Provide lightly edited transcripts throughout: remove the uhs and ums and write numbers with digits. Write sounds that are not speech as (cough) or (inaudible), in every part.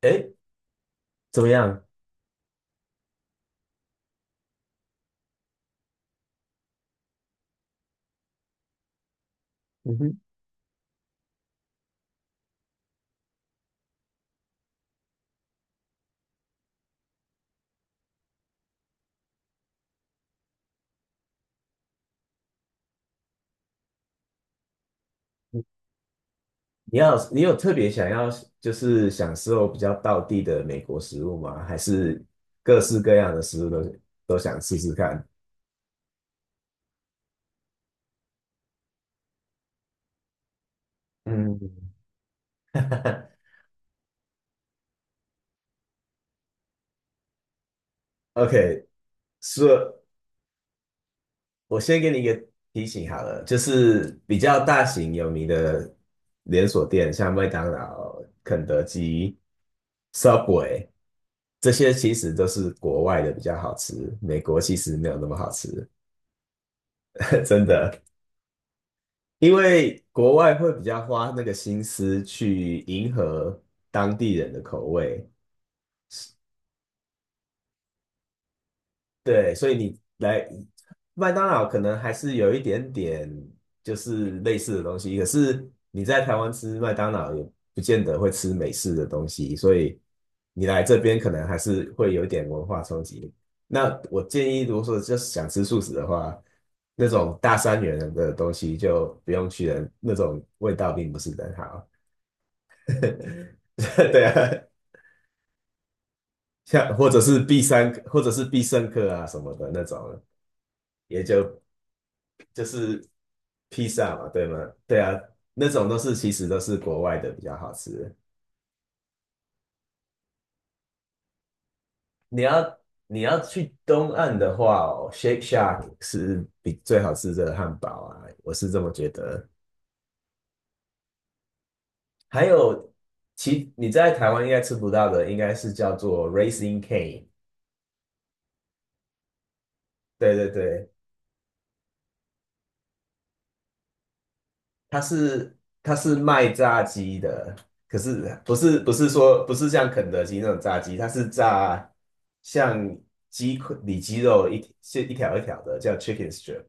哎，怎么样？嗯哼，你有特别想要就是享受比较道地的美国食物吗？还是各式各样的食物都想试试看嗯 (laughs)，？OK，说，我先给你一个提醒好了，就是比较大型有名的连锁店，像麦当劳、肯德基、Subway 这些，其实都是国外的比较好吃，美国其实没有那么好吃，(laughs) 真的。因为国外会比较花那个心思去迎合当地人的口味，对，所以你来麦当劳可能还是有一点点就是类似的东西，可是你在台湾吃麦当劳也不见得会吃美式的东西，所以你来这边可能还是会有一点文化冲击。那我建议，如果说就是想吃素食的话，那种大三元的东西就不用去了，那种味道并不是很好。(laughs) 对啊，像或者是必三或者是必胜客啊什么的那种，也就是披萨嘛，对吗？对啊，那种都是其实都是国外的比较好吃。你要你要去东岸的话哦，Shake Shack 是比最好吃的汉堡啊，我是这么觉得。还有，你在台湾应该吃不到的，应该是叫做 Raising Cane。对对对，它是它是卖炸鸡的，可是不是说不是像肯德基那种炸鸡，它是炸像鸡块里脊肉一条一条的，叫 chicken strip。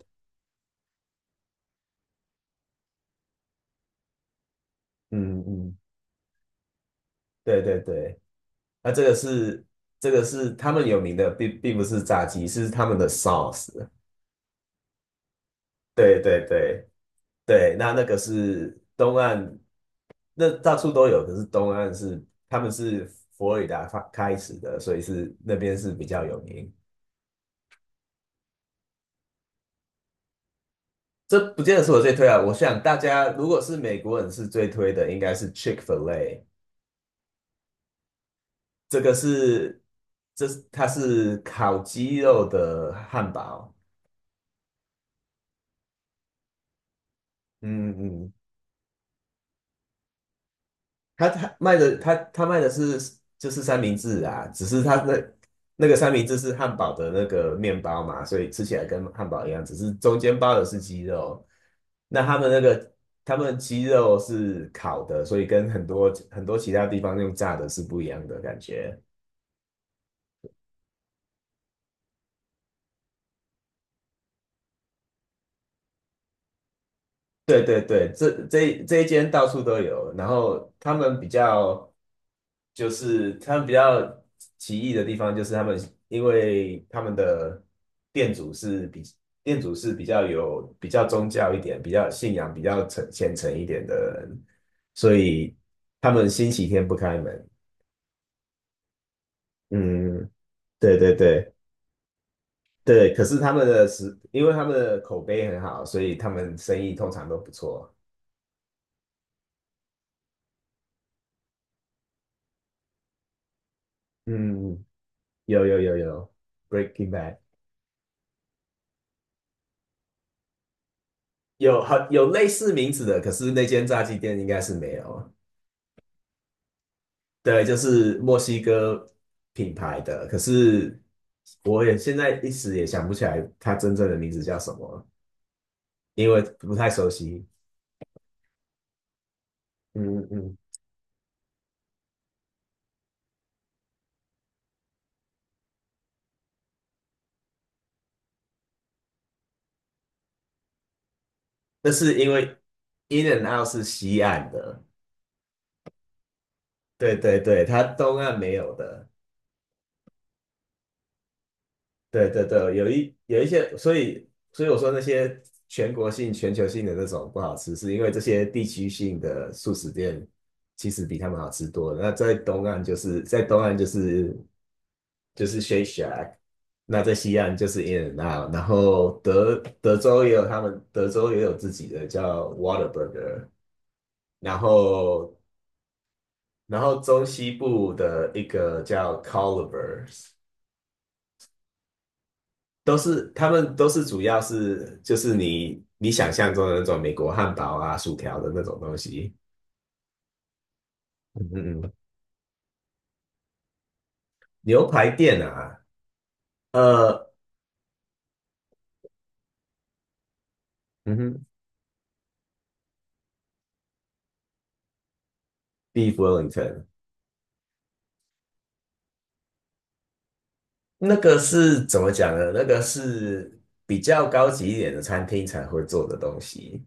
嗯嗯，对对对，那这个是他们有名的，并不是炸鸡，是他们的 sauce。对对对对，那个是东岸，那到处都有，可是东岸是他们是佛罗里达开始的，所以是那边是比较有名。这不见得是我最推啊。我想大家如果是美国人是最推的，应该是 Chick-fil-A。这个是，它是烤鸡肉的汉堡。嗯嗯，它卖的是就是三明治啊，只是它的那个三明治是汉堡的那个面包嘛，所以吃起来跟汉堡一样，只是中间包的是鸡肉。那他们那个他们鸡肉是烤的，所以跟很多很多其他地方用炸的是不一样的感觉。对对对，这一间到处都有，然后他们比较奇异的地方，就是他们因为他们的店主是比店主是比较有比较宗教一点，比较信仰比较虔诚一点的人，所以他们星期天不开门。嗯，对对对对，可是他们的食，因为他们的口碑很好，所以他们生意通常都不错。嗯，有有有有，Breaking Bad 有类似名字的，可是那间炸鸡店应该是没有。对，就是墨西哥品牌的，可是我也现在一时也想不起来它真正的名字叫什么，因为不太熟悉。嗯嗯嗯，那是因为 In and Out 是西岸的，对对对，它东岸没有的。对对对，有一些，所以我说那些全国性、全球性的那种不好吃，是因为这些地区性的素食店其实比他们好吃多了。那在东岸就是 Shake Shack，那在西岸就是 In and Out，然后德州也有自己的叫 Waterburger 然后然后中西部的一个叫 Colvers 他们都是主要是就是你想象中的那种美国汉堡啊、薯条的那种东西。嗯嗯嗯牛排店啊，呃，嗯哼，Beef Wellington 那个是怎么讲呢？那个是比较高级一点的餐厅才会做的东西，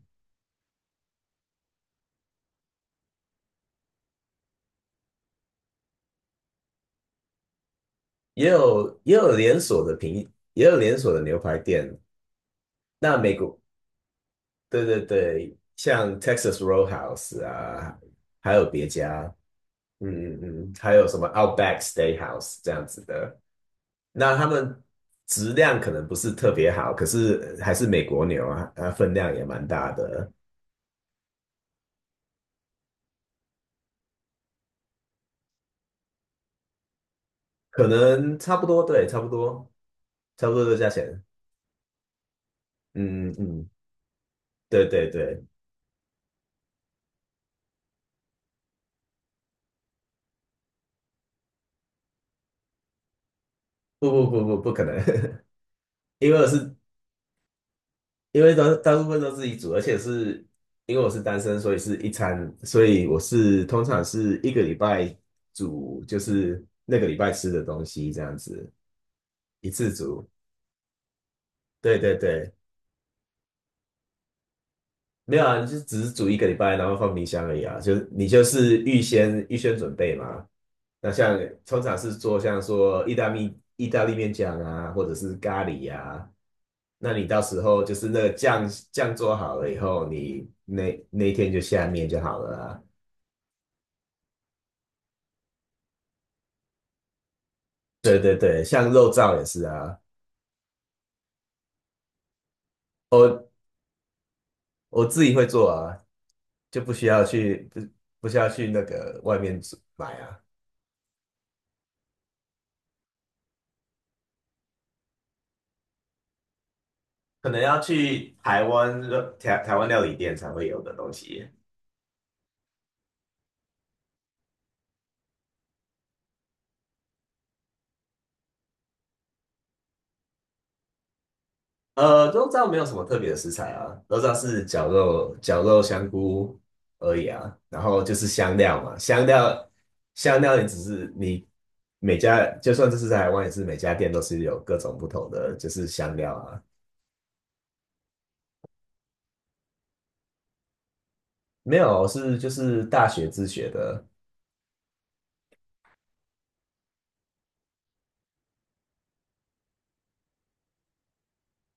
也有也有连锁的平，也有连锁的牛排店。那美国，对对对，像 Texas Roadhouse 啊，还有别家，嗯嗯嗯，嗯还有什么 Outback Steakhouse 这样子的，那他们质量可能不是特别好，可是还是美国牛啊，啊分量也蛮大的，可能差不多，对，差不多，差不多的价钱。嗯嗯嗯，对对对，不不不不不可能，(laughs) 因为我是因为都大部分都自己煮，而且是因为我是单身，所以是一餐，所以我是通常是一个礼拜煮，就是那个礼拜吃的东西这样子，一次煮。对对对，没有啊，你就只是煮一个礼拜，然后放冰箱而已啊，就是你就是预先准备嘛。那像通常是做像说意大利面酱啊，或者是咖喱呀、啊，那你到时候就是那个酱做好了以后，你那一天就下面就好了啊。对对对，像肉燥也是啊，我我自己会做啊，就不需要去那个外面煮买啊。可能要去台湾台湾料理店才会有的东西。知道没有什么特别的食材啊，都知道是绞肉、香菇而已啊。然后就是香料嘛，香料也只是你每家，就算这是在台湾，也是每家店都是有各种不同的就是香料啊。没有，是就是大学自学的，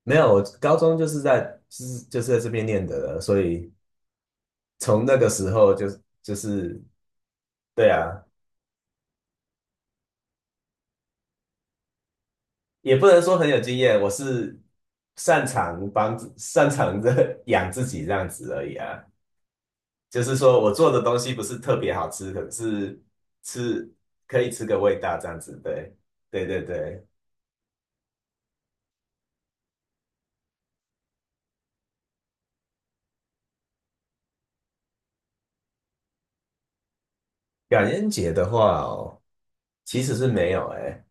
没有，我高中就是在就是在这边念的了所以从那个时候就就是对啊。也不能说很有经验，我是擅长的 (laughs) 养自己这样子而已啊。就是说我做的东西不是特别好吃，可是吃可以吃个味道这样子。对，对对对。感恩节的话哦，其实是没有诶。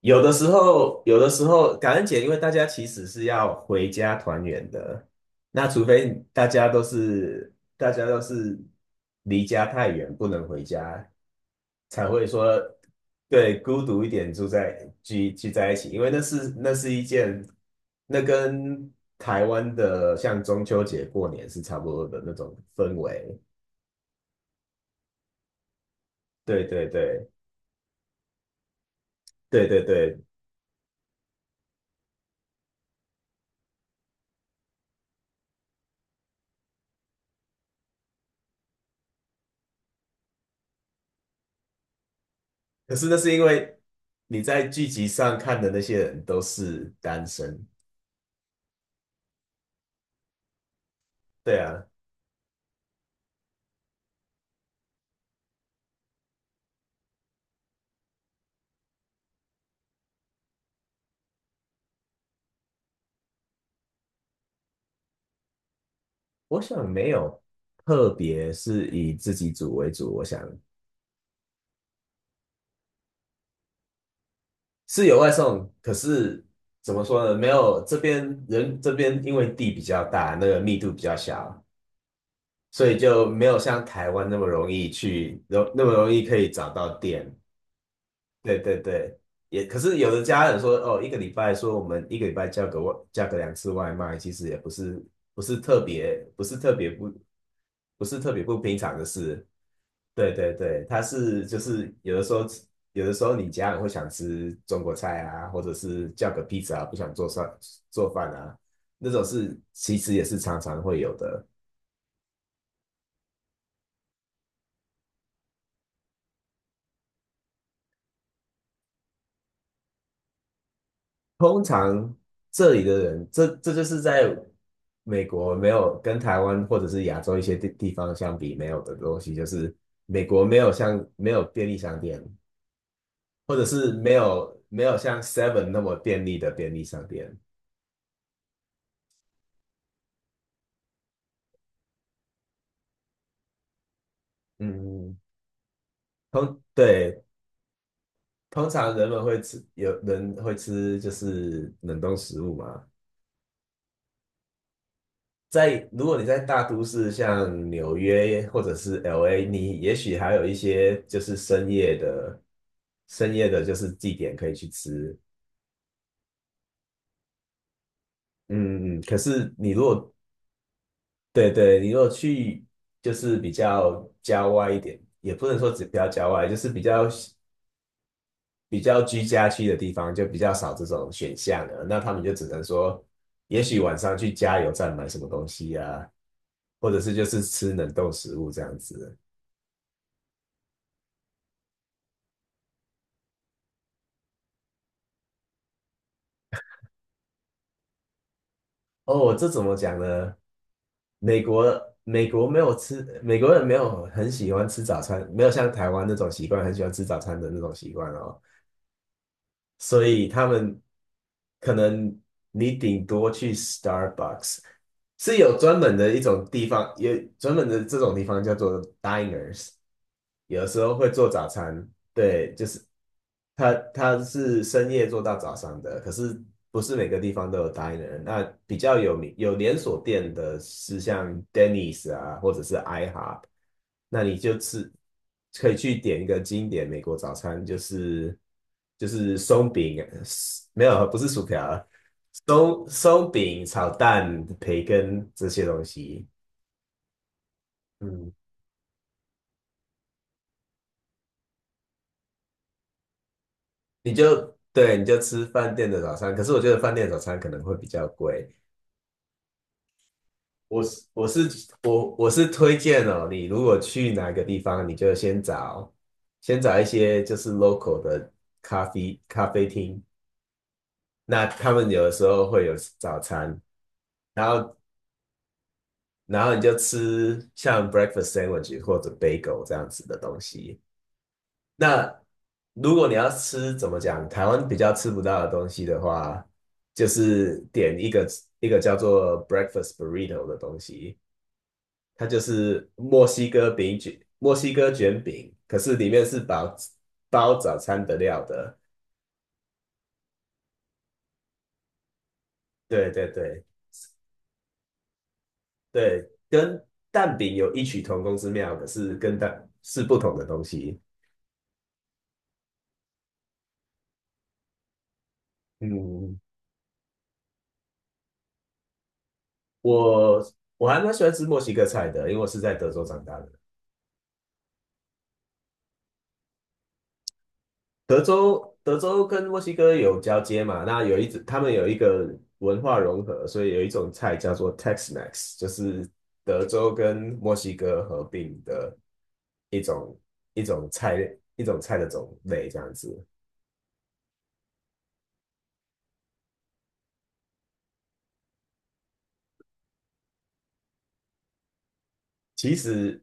有的时候感恩节，因为大家其实是要回家团圆的，那除非大家都是离家太远不能回家。才会说对孤独一点住在聚在一起，因为那是一件，那跟台湾的像中秋节过年是差不多的那种氛围。对对对对对对，可是那是因为你在剧集上看的那些人都是单身，对啊，我想没有特别是以自己组为主，我想。是有外送，可是怎么说呢？没有这边因为地比较大，那个密度比较小，所以就没有像台湾那么容易去，那么容易可以找到店。对对对，也可是有的家人说，哦，一个礼拜说我们一个礼拜叫个叫个2次外卖，其实也不是不是特别不是特别不不是特别不平常的事。对对对，他是就是有的时候你家人会想吃中国菜啊，或者是叫个披萨啊不想做饭啊，那种事其实也是常常会有的。通常这里的人，这就是在美国没有跟台湾或者是亚洲一些地方相比没有的东西，就是美国没有便利商店，或者是没有像 Seven 那么便利的便利商店。嗯，通对，通常人们会吃，有人会吃就是冷冻食物嘛。如果你在大都市，像纽约或者是 LA,你也许还有一些就是深夜的就是地点可以去吃。嗯可是你如果对对，你如果去就是比较郊外一点，也不能说只比较郊外，就是比较居家区的地方，就比较少这种选项了。那他们就只能说，也许晚上去加油站买什么东西啊，或者是就是吃冷冻食物这样子。哦，这怎么讲呢？美国没有吃，美国人没有很喜欢吃早餐，没有像台湾那种习惯，很喜欢吃早餐的那种习惯哦。所以他们可能你顶多去 Starbucks,是有专门的一种地方，有专门的这种地方叫做 diners,有的时候会做早餐。对，就是他是深夜做到早上的，可是不是每个地方都有 diner。那比较有名有连锁店的是像 Denny's 啊，或者是 IHOP,那你就吃可以去点一个经典美国早餐，就是就是松饼，没有不是薯条啊，松饼炒蛋、培根这些东西，嗯。你就对，你就吃饭店的早餐。可是我觉得饭店的早餐可能会比较贵。我是我是我是推荐哦，你如果去哪个地方，你就先找先找一些就是 local 的咖啡厅,那他们有的时候会有早餐，然后你就吃像 breakfast sandwich 或者 bagel 这样子的东西。那如果你要吃，怎么讲，台湾比较吃不到的东西的话，就是点一个一个叫做 breakfast burrito 的东西，它就是墨西哥饼卷，墨西哥卷饼，可是里面是包早餐的料的。对对对对，跟蛋饼有异曲同工之妙，可是跟蛋是不同的东西。嗯，我我还蛮喜欢吃墨西哥菜的，因为我是在德州长大的。德州跟墨西哥有交接嘛，那有一他们有一个文化融合，所以有一种菜叫做 Tex-Mex,就是德州跟墨西哥合并的一种一种菜的种类这样子。其实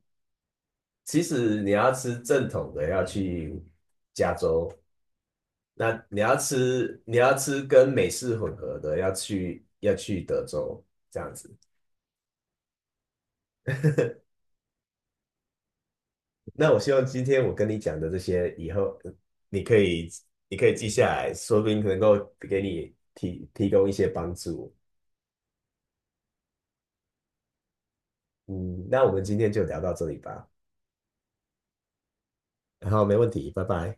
你要吃正统的，要去加州；那你要吃跟美式混合的，要去德州这样子。那我希望今天我跟你讲的这些，以后你可以记下来，说不定能够给你提供一些帮助。嗯，那我们今天就聊到这里吧。好，没问题，拜拜。